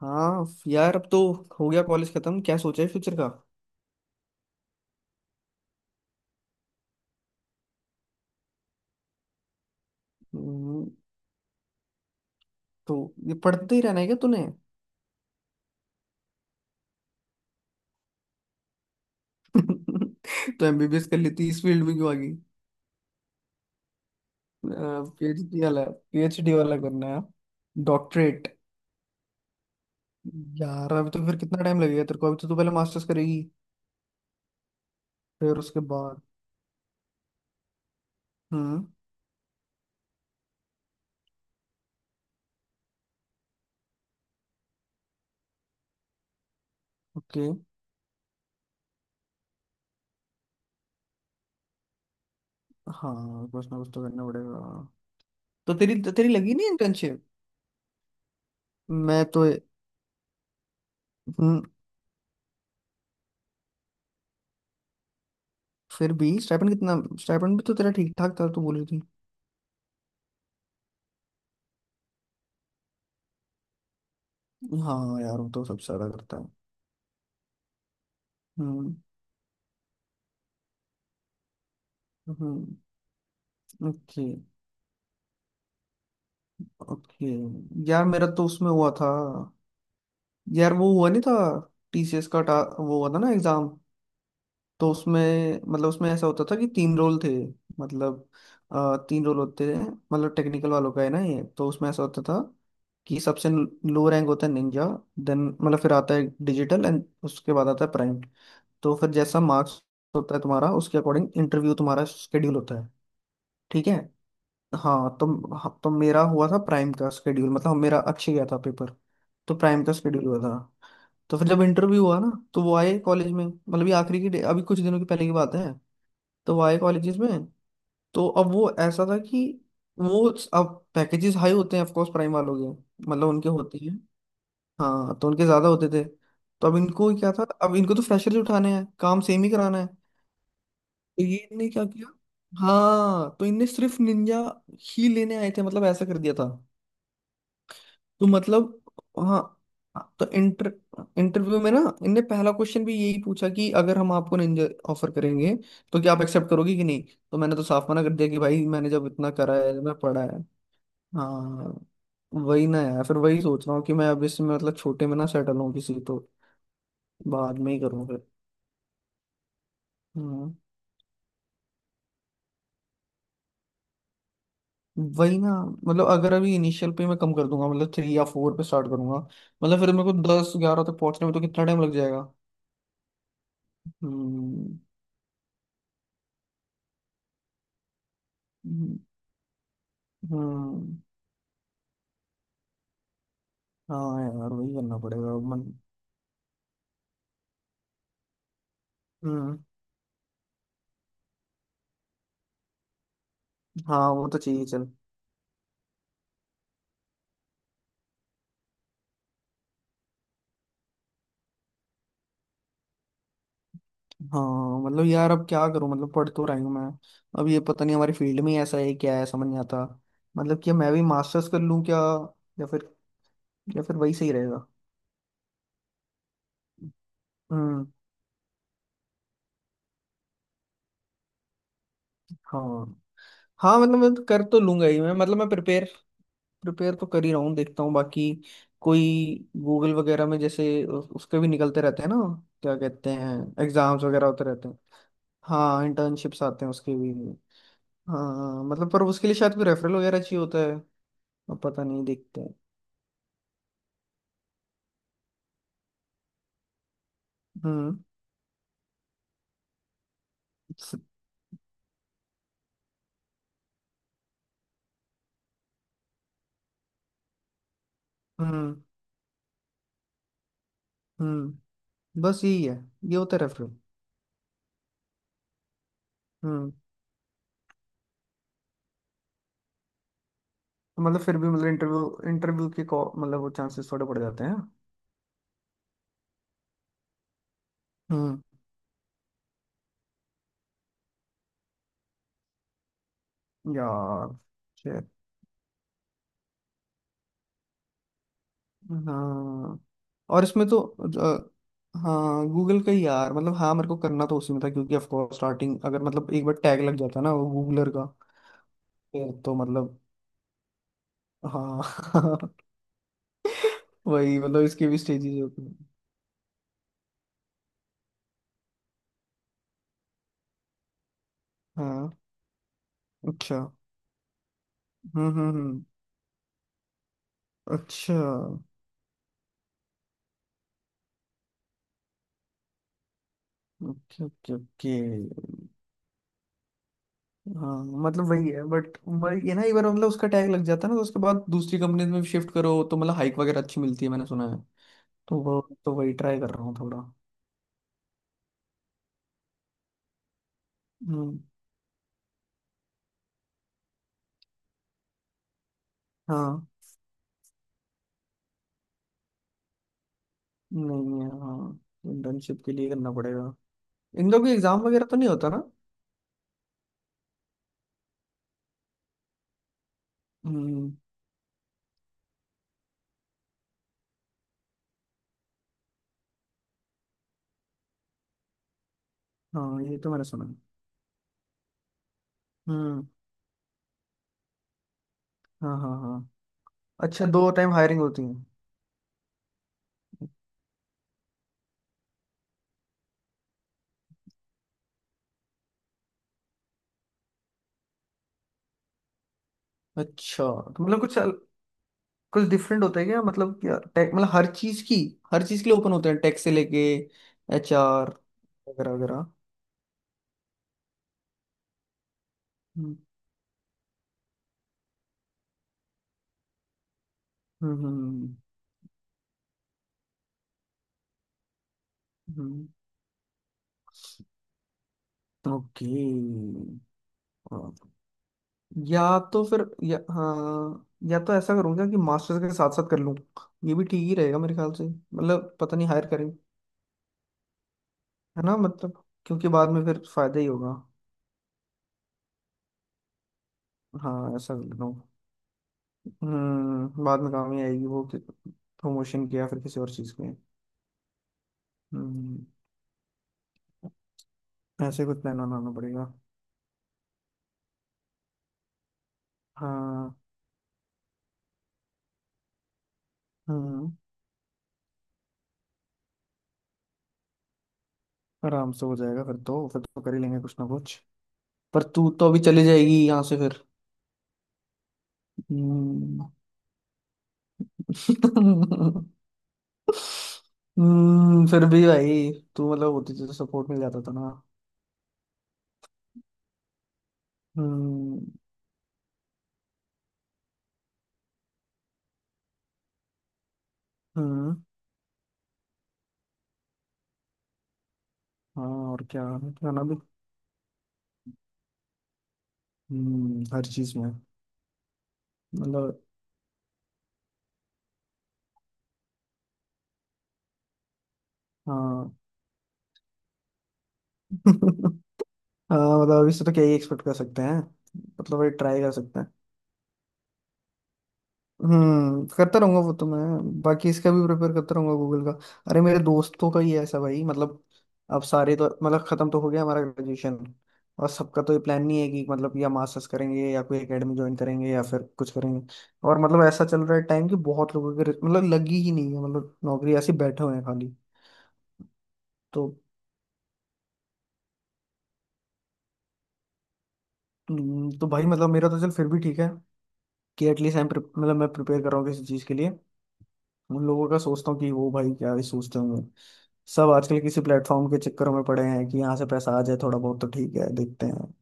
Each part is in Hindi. हाँ यार अब तो हो गया कॉलेज खत्म। क्या सोचा है फ्यूचर का। हम्म। तो ये पढ़ते ही रहना है क्या तूने। तो एमबीबीएस कर लेती इस फील्ड में क्यों आ गई। पीएचडी वाला पीएचडी वाला करना है। डॉक्टरेट। यार अभी तो फिर कितना टाइम लगेगा तेरे को अभी तो तू पहले मास्टर्स करेगी। फिर उसके बाद। हम्म। ओके। हाँ कुछ ना कुछ तो करना पड़ेगा। तो तेरी तेरी लगी नहीं इंटर्नशिप। मैं तो। हम्म। फिर भी स्टाइपेंड कितना। स्टाइपेंड भी तो तेरा ठीक ठाक था तू बोल रही थी। हाँ यार वो तो सबसे ज्यादा करता है। हम्म। हम्म। ओके। ओके। यार मेरा तो उसमें हुआ था। यार वो हुआ नहीं था। टीसीएस का वो हुआ था ना एग्जाम। तो उसमें मतलब उसमें ऐसा होता था कि 3 रोल थे। मतलब 3 रोल होते हैं। मतलब टेक्निकल वालों का है ना ये तो उसमें ऐसा होता था कि सबसे लो रैंक होता है निंजा। देन मतलब फिर आता है डिजिटल एंड उसके बाद आता है प्राइम। तो फिर जैसा मार्क्स होता है तुम्हारा उसके अकॉर्डिंग इंटरव्यू तुम्हारा शेड्यूल होता है। ठीक है। हाँ तो। हाँ, तो मेरा हुआ था प्राइम का शेड्यूल मतलब मेरा अच्छे गया था पेपर। तो प्राइम का शेड्यूल हुआ था। तो फिर जब इंटरव्यू हुआ ना तो वो आए कॉलेज में मतलब ये आखिरी की अभी कुछ दिनों की पहले की बात है। तो वो आए कॉलेजेस में। तो अब वो ऐसा था कि वो अब पैकेजेस हाई होते हैं ऑफकोर्स प्राइम वालों के मतलब उनके होते हैं। हाँ तो उनके ज्यादा होते थे। तो अब इनको क्या था अब इनको तो फ्रेशर ही उठाने हैं काम सेम ही कराना है तो ये इनने क्या किया। हाँ तो इनने सिर्फ निंजा ही लेने आए थे मतलब ऐसा कर दिया था। तो मतलब। हाँ तो इंटरव्यू में ना इनने पहला क्वेश्चन भी यही पूछा कि अगर हम आपको निंजा ऑफर करेंगे तो क्या आप एक्सेप्ट करोगी कि नहीं। तो मैंने तो साफ मना कर दिया कि भाई मैंने जब इतना करा है मैं पढ़ा है। हाँ वही ना यार फिर वही सोच रहा हूँ कि मैं अब इसमें मतलब छोटे में ना सेटल हूँ किसी तो बाद में ही करूँ फिर। हम्म। वही ना मतलब अगर अभी इनिशियल पे मैं कम कर दूंगा मतलब 3 या 4 पे स्टार्ट करूंगा मतलब फिर मेरे को 10 11 तक पहुंचने में तो कितना टाइम लग जाएगा। हम्म हम्म हम्म, हाँ यार वही करना पड़ेगा मन। हम्म। हाँ वो तो चाहिए चल। हाँ मतलब यार अब क्या करूं मतलब पढ़ तो रही हूँ मैं। अब ये पता नहीं हमारी फील्ड में ही ऐसा है क्या है समझ नहीं आता। मतलब कि मैं भी मास्टर्स कर लूँ क्या। या फिर। या फिर वही सही रहेगा। हम्म। हाँ। हाँ मतलब मैं तो कर तो लूंगा ही मैं मतलब मैं प्रिपेयर प्रिपेयर तो कर ही रहा हूँ देखता हूँ बाकी। कोई गूगल वगैरह में जैसे उसके भी निकलते रहते हैं ना। क्या कहते हैं। एग्जाम्स वगैरह होते रहते हैं। हाँ इंटर्नशिप्स आते हैं उसके भी। हाँ मतलब पर उसके लिए शायद कोई रेफरल वगैरह चाहिए होता है। अब पता नहीं देखते हैं। हम्म। स- हम्म। हम्म। बस यही है। ये होता है रेफरल। हम्म। तो मतलब फिर भी मतलब इंटरव्यू इंटरव्यू के मतलब वो चांसेस थोड़े बढ़ जाते हैं। हम्म। यार। हाँ। और इसमें तो हाँ गूगल का ही यार मतलब हाँ मेरे को करना तो उसी में था क्योंकि ऑफ कोर्स स्टार्टिंग अगर मतलब एक बार टैग लग जाता ना वो गूगलर का। फिर तो मतलब। हाँ वही मतलब इसके भी स्टेजेस होते हैं। हाँ। अच्छा। हम्म। अच्छा। Okay okay okay. हाँ मतलब वही है बट ये ना एक बार मतलब उसका टैग लग जाता है ना तो उसके बाद दूसरी कंपनी में शिफ्ट करो तो मतलब हाइक वगैरह अच्छी मिलती है मैंने सुना है। तो वो तो वही ट्राई कर रहा हूँ थोड़ा। हम्म। हाँ नहीं है हाँ। इंटर्नशिप के लिए करना पड़ेगा। इन लोग भी एग्जाम वगैरह तो नहीं होता ना। हम्म। हाँ ये तो मैंने सुना है। हम्म। हाँ हाँ हाँ। अच्छा 2 टाइम हायरिंग होती है। अच्छा। तो मतलब कुछ डिफरेंट होता है क्या मतलब क्या टेक मतलब हर चीज की हर चीज के लिए ओपन होते हैं टेक से लेके एचआर वगैरह वगैरह। हम्म हम्म हम्म। ओके। या तो फिर या हाँ या तो ऐसा करूँगा कि मास्टर्स के साथ साथ कर लूँ। ये भी ठीक ही रहेगा मेरे ख्याल से मतलब पता नहीं हायर करें। है ना मतलब क्योंकि बाद में फिर फायदा ही होगा। हाँ ऐसा कर लूँ। बाद में काम ही आएगी वो प्रमोशन के या फिर किसी और चीज़ के। हम्म। ऐसे कुछ प्लान बनाना पड़ेगा। हाँ। हम्म आराम से हो जाएगा फिर तो कर ही लेंगे कुछ ना कुछ। पर तू तो अभी चली जाएगी यहाँ से फिर। हम्म फिर भी भाई तू मतलब होती थी तो सपोर्ट मिल जाता था ना। हम्म। हम्म। हाँ और क्या। गाना भी। हर चीज में। मतलब। हाँ हाँ मतलब अभी से तो क्या ही एक्सपेक्ट कर सकते हैं। मतलब वही ट्राई कर सकते हैं। करता रहूंगा वो तो मैं बाकी इसका भी प्रिपेयर करता रहूंगा गूगल का। अरे मेरे दोस्तों का ही है ऐसा भाई मतलब। अब सारे तो मतलब खत्म तो हो गया हमारा ग्रेजुएशन। और सबका तो ये प्लान नहीं है कि मतलब या मास्टर्स करेंगे या कोई एकेडमी ज्वाइन करेंगे या फिर कुछ करेंगे। और मतलब ऐसा चल रहा है टाइम कि बहुत लोगों के मतलब लगी ही नहीं है मतलब नौकरी ऐसे बैठे हुए हैं खाली। तो तो भाई मतलब मेरा तो चल फिर भी ठीक है कि एटलीस्ट मतलब मैं प्रिपेयर कर रहा हूँ किसी चीज के लिए। उन लोगों का सोचता हूँ कि वो भाई क्या ही सोचते होंगे। सब आजकल किसी प्लेटफॉर्म के चक्कर में पड़े हैं कि यहाँ से पैसा आ जाए थोड़ा बहुत तो ठीक है देखते हैं।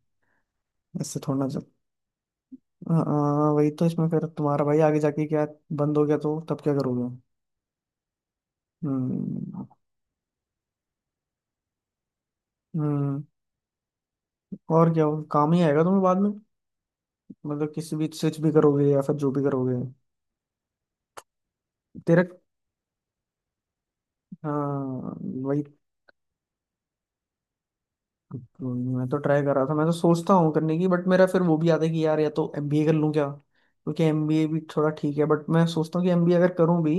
इससे थोड़ा ना चल। हाँ हाँ, वही तो इसमें फिर तुम्हारा भाई आगे जाके क्या बंद हो गया तो तब क्या करोगे। हम्म। हम्म और क्या हो काम ही आएगा तुम्हें बाद में। मतलब किसी भी स्विच भी करोगे या फिर जो भी करोगे। तेरा। हाँ वही। तो मैं तो ट्राई कर रहा था मैं तो सोचता हूँ करने की बट मेरा फिर वो भी आता है कि यार या तो एमबीए कर लूँ क्या क्योंकि एमबीए भी थोड़ा ठीक है बट मैं सोचता हूँ कि एमबीए अगर करूँ भी।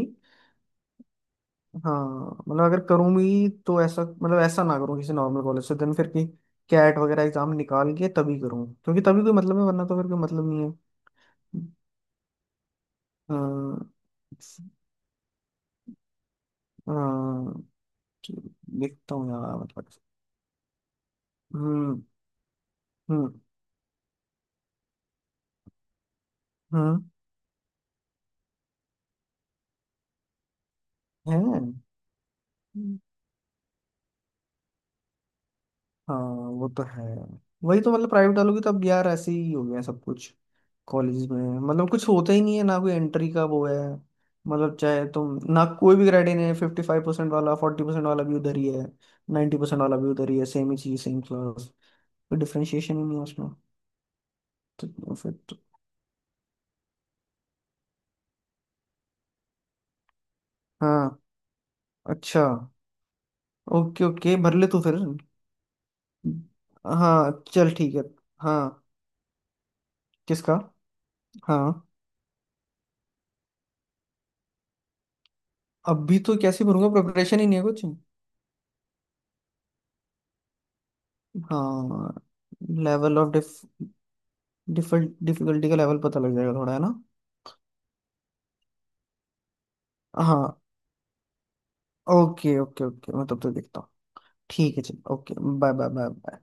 हाँ मतलब अगर करूँ भी तो ऐसा मतलब ऐसा ना करूँ किसी नॉर्मल कॉलेज से देन फिर की कैट वगैरह एग्जाम निकाल के तभी करूँ क्योंकि तभी कोई मतलब है वरना तो फिर कोई मतलब नहीं है। हाँ हाँ, देखता हूँ यार मतलब। हम्म हम्म हम्म। है। हाँ वो तो है। वही तो मतलब प्राइवेट वालों की तो अब यार ऐसे ही हो गया सब कुछ। कॉलेज में मतलब कुछ होता ही नहीं है ना कोई एंट्री का वो है। मतलब चाहे तुम ना कोई भी ग्रेड नहीं है 55% वाला 40% वाला भी उधर ही है 90% परसेंट वाला भी उधर ही है सेम ही चीज सेम क्लास। कोई डिफरेंशिएशन ही नहीं है उसमें। तो फिर तो। हाँ। अच्छा ओके ओके भर ले तू फिर। हाँ चल ठीक है। हाँ। किसका। हाँ। अभी तो कैसे भरूंगा प्रिपरेशन ही नहीं है कुछ। हाँ। लेवल ऑफ डिफिकल्टी का लेवल पता लग जाएगा थोड़ा है ना। हाँ ओके ओके ओके मैं तब तक देखता हूँ। ठीक है चलो ओके बाय बाय बाय।